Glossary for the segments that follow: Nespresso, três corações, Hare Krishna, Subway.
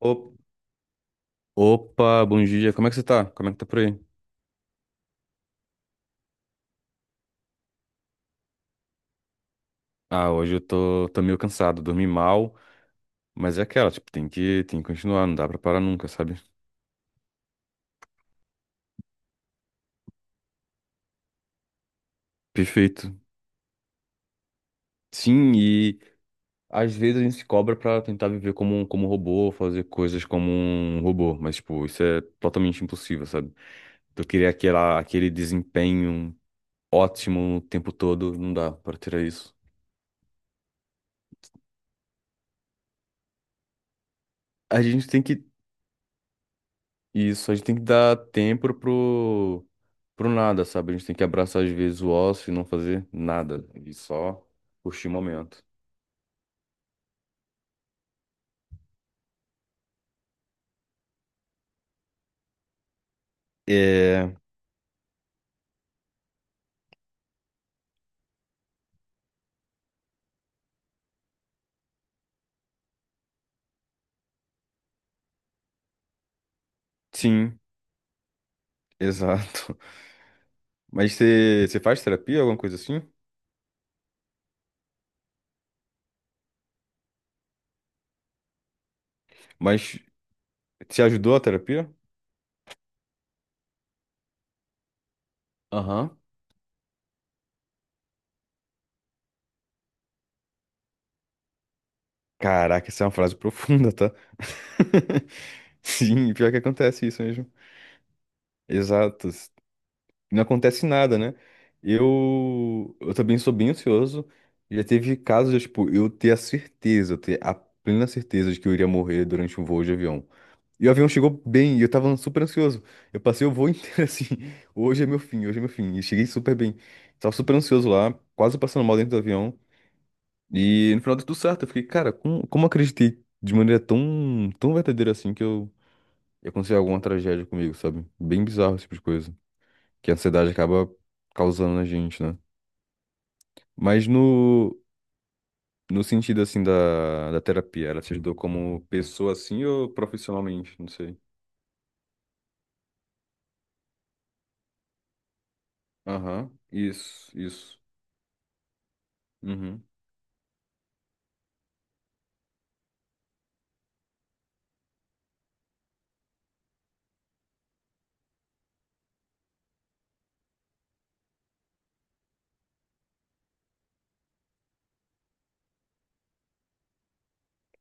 Op- Opa, bom dia, como é que você tá? Como é que tá por aí? Ah, hoje eu tô meio cansado, dormi mal, mas é aquela, tipo, tem que continuar, não dá pra parar nunca, sabe? Perfeito. Sim, e às vezes a gente se cobra pra tentar viver como um robô, fazer coisas como um robô, mas, tipo, isso é totalmente impossível, sabe? Então, eu queria aquele desempenho ótimo o tempo todo, não dá pra ter isso. A gente tem que Isso, a gente tem que dar tempo pro nada, sabe? A gente tem que abraçar às vezes o ócio e não fazer nada, né? E só curtir o momento. É, sim, exato. Mas você faz terapia, alguma coisa assim? Mas te ajudou a terapia? Aham. Caraca, essa é uma frase profunda, tá? Sim, pior que acontece isso mesmo. Exato. Não acontece nada, né? Eu também sou bem ansioso. Já teve casos, de, tipo, eu ter a plena certeza de que eu iria morrer durante um voo de avião. E o avião chegou bem, e eu tava super ansioso. Eu passei o voo inteiro assim, hoje é meu fim, hoje é meu fim. E cheguei super bem. Tava super ansioso lá, quase passando mal dentro do avião. E no final deu tudo certo. Eu fiquei, cara, como eu acreditei de maneira tão, tão verdadeira assim que eu ia acontecer alguma tragédia comigo, sabe? Bem bizarro esse tipo de coisa que a ansiedade acaba causando na gente, né? Mas no sentido, assim, da terapia, ela te ajudou como pessoa, assim, ou profissionalmente? Não sei. Aham, isso, isso. Uhum,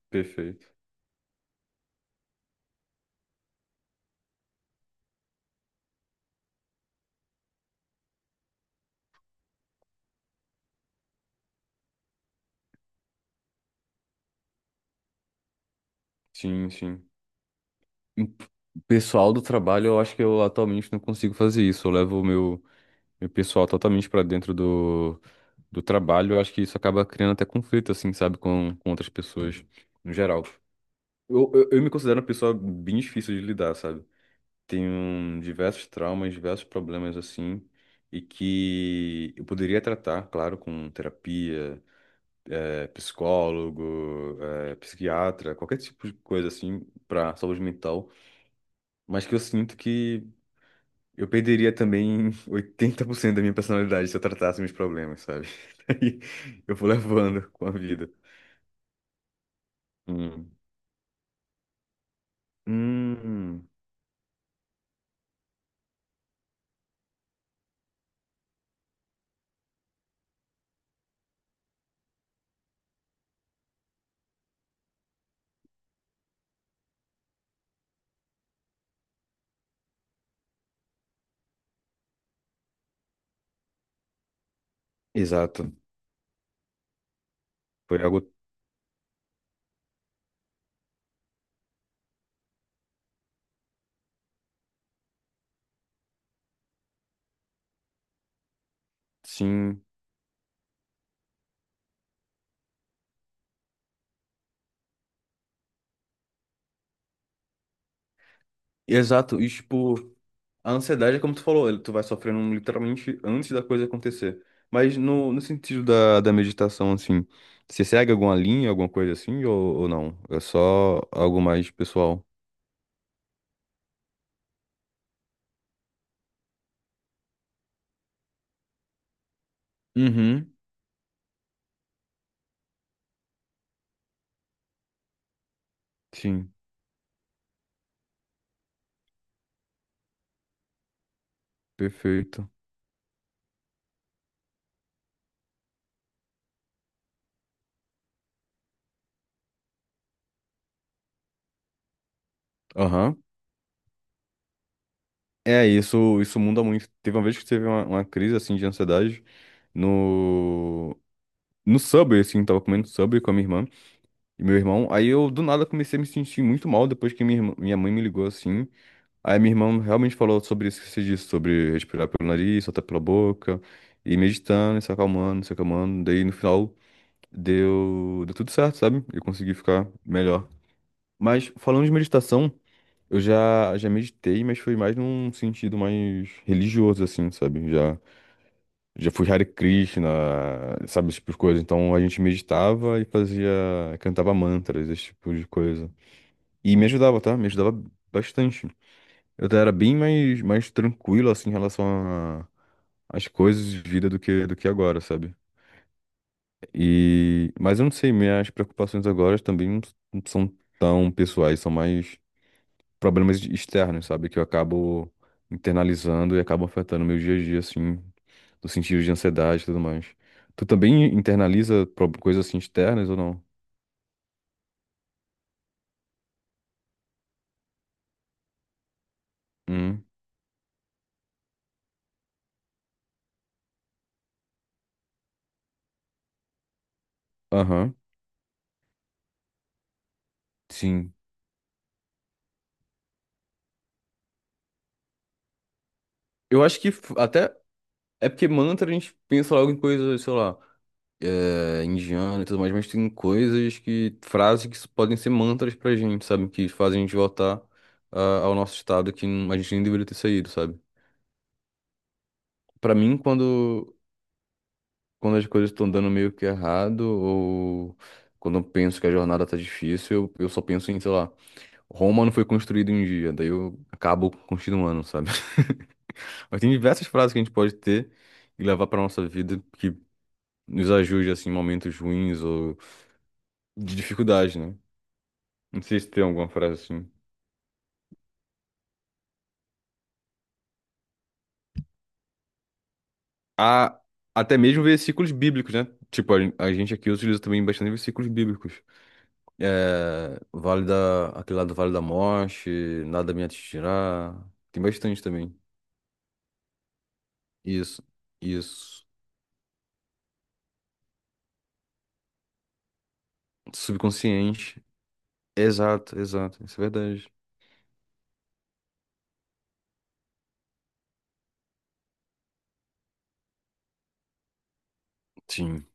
perfeito. Sim, sim. Hum, pessoal do trabalho, eu acho que eu atualmente não consigo fazer isso. Eu levo o meu pessoal totalmente pra dentro do trabalho. Eu acho que isso acaba criando até conflito, assim, sabe, com outras pessoas, no geral. Eu me considero uma pessoa bem difícil de lidar, sabe? Tenho diversos traumas, diversos problemas assim, e que eu poderia tratar, claro, com terapia, psicólogo, psiquiatra, qualquer tipo de coisa assim para saúde mental, mas que eu sinto que eu perderia também 80% da minha personalidade se eu tratasse meus problemas, sabe? Aí eu vou levando com a vida. Hum. Hum, exato. Foi algo, sim. Exato. E, tipo, a ansiedade é como tu falou, tu vai sofrendo literalmente antes da coisa acontecer. Mas no sentido da meditação, assim, você segue alguma linha, alguma coisa assim, ou não? É só algo mais pessoal. Uhum, sim, perfeito. Aham. É, isso muda muito. Teve uma vez que teve uma crise, assim, de ansiedade no, no Subway, assim, tava comendo Subway com a minha irmã e meu irmão. Aí eu, do nada, comecei a me sentir muito mal depois que minha mãe me ligou, assim. Aí minha irmã realmente falou sobre isso que você disse, sobre respirar pelo nariz, soltar pela boca, e meditando, e se acalmando, se acalmando. Daí no final deu tudo certo, sabe? Eu consegui ficar melhor. Mas falando de meditação, eu já meditei, mas foi mais num sentido mais religioso, assim, sabe? Já fui Hare Krishna, sabe, esse tipo de coisa. Então a gente meditava e fazia, cantava mantras, esse tipo de coisa. E me ajudava, tá? Me ajudava bastante. Eu era bem mais tranquilo, assim, em relação a- às coisas de vida do que agora, sabe? E, mas eu não sei, minhas preocupações agora também não são tão pessoais, são mais problemas externos, sabe? Que eu acabo internalizando e acabam afetando meu dia a dia, assim, no sentido de ansiedade e tudo mais. Tu também internaliza coisas assim externas ou não? Hum, aham, sim. Eu acho que até é porque mantra a gente pensa logo em coisas, sei lá, é, indiana e tudo mais, mas tem coisas, frases que podem ser mantras pra gente, sabe? Que fazem a gente voltar ao nosso estado que a gente nem deveria ter saído, sabe? Pra mim, quando as coisas estão dando meio que errado, ou quando eu penso que a jornada tá difícil, eu só penso em, sei lá, Roma não foi construída em um dia, daí eu acabo continuando, sabe? Mas tem diversas frases que a gente pode ter e levar pra nossa vida que nos ajude assim, em momentos ruins ou de dificuldade, né? Não sei se tem alguma frase assim. Há até mesmo versículos bíblicos, né? Tipo, a gente aqui utiliza também bastante versículos bíblicos. É, aquele lá do Vale da Morte, nada me atingirá. Tem bastante também. Isso, isso. Subconsciente. Exato, exato. Isso é verdade. Sim.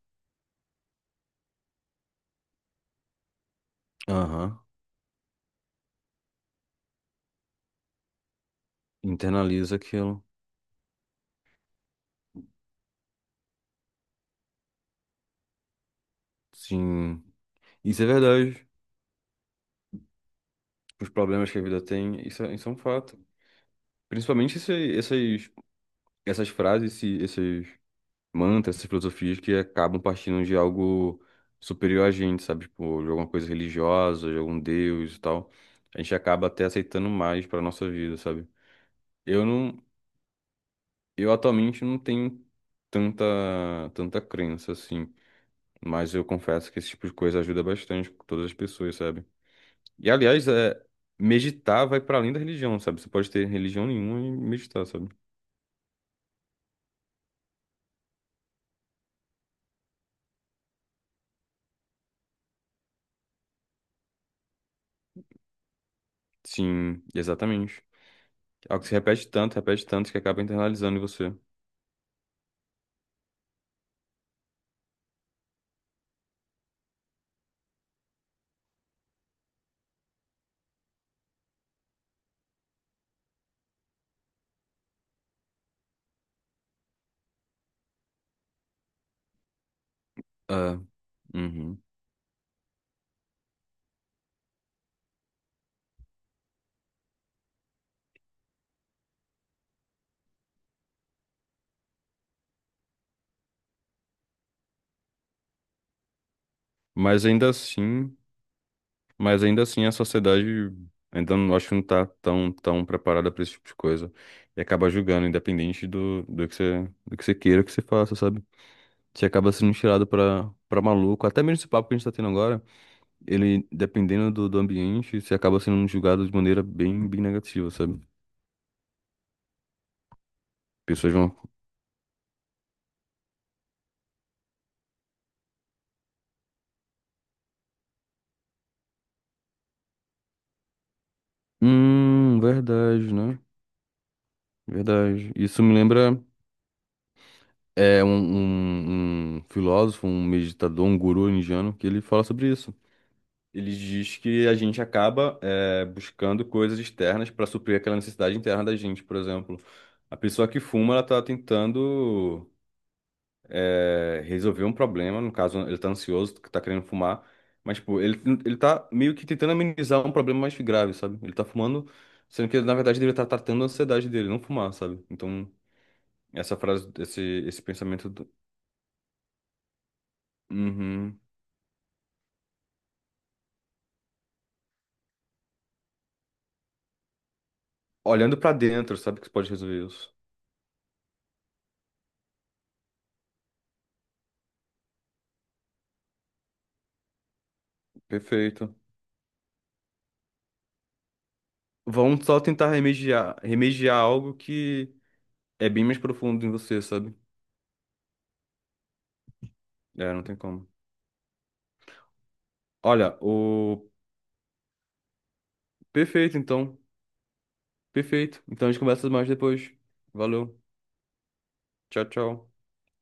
Aham. Internaliza aquilo. Sim. Isso é verdade. Os problemas que a vida tem, isso é um fato. Principalmente essas, essas frases, esses mantras, essas filosofias que acabam partindo de algo superior a gente, sabe? Tipo, de alguma coisa religiosa, de algum deus e tal. A gente acaba até aceitando mais para nossa vida, sabe? Eu não, eu atualmente não tenho tanta, tanta crença assim, mas eu confesso que esse tipo de coisa ajuda bastante todas as pessoas, sabe? E aliás, meditar vai para além da religião, sabe? Você pode ter religião nenhuma e meditar, sabe? Sim, exatamente. É algo que se repete tanto, repete tanto, que acaba internalizando em você. É, uhum. Mas ainda assim, mas ainda assim, a sociedade ainda não, acho que não tá tão, tão preparada para esse tipo de coisa. E acaba julgando, independente do que você queira que você faça, sabe? Você acaba sendo tirado pra maluco. Até mesmo esse papo que a gente tá tendo agora, ele, dependendo do ambiente, você acaba sendo julgado de maneira bem, bem negativa, sabe? Pessoas vão. Verdade, né? Verdade. Isso me lembra. É um filósofo, um meditador, um guru indiano que ele fala sobre isso. Ele diz que a gente acaba buscando coisas externas para suprir aquela necessidade interna da gente, por exemplo. A pessoa que fuma, ela está tentando resolver um problema, no caso, ele está ansioso, está querendo fumar, mas pô, ele tá meio que tentando amenizar um problema mais grave, sabe? Ele está fumando, sendo que na verdade ele está tratando a ansiedade dele, não fumar, sabe? Então, essa frase, esse pensamento do... Uhum. Olhando pra dentro, sabe que você pode resolver isso. Perfeito. Vão só tentar remediar algo que é bem mais profundo em você, sabe? É, não tem como. Olha, o perfeito então. Perfeito. Então a gente conversa mais depois. Valeu. Tchau, tchau.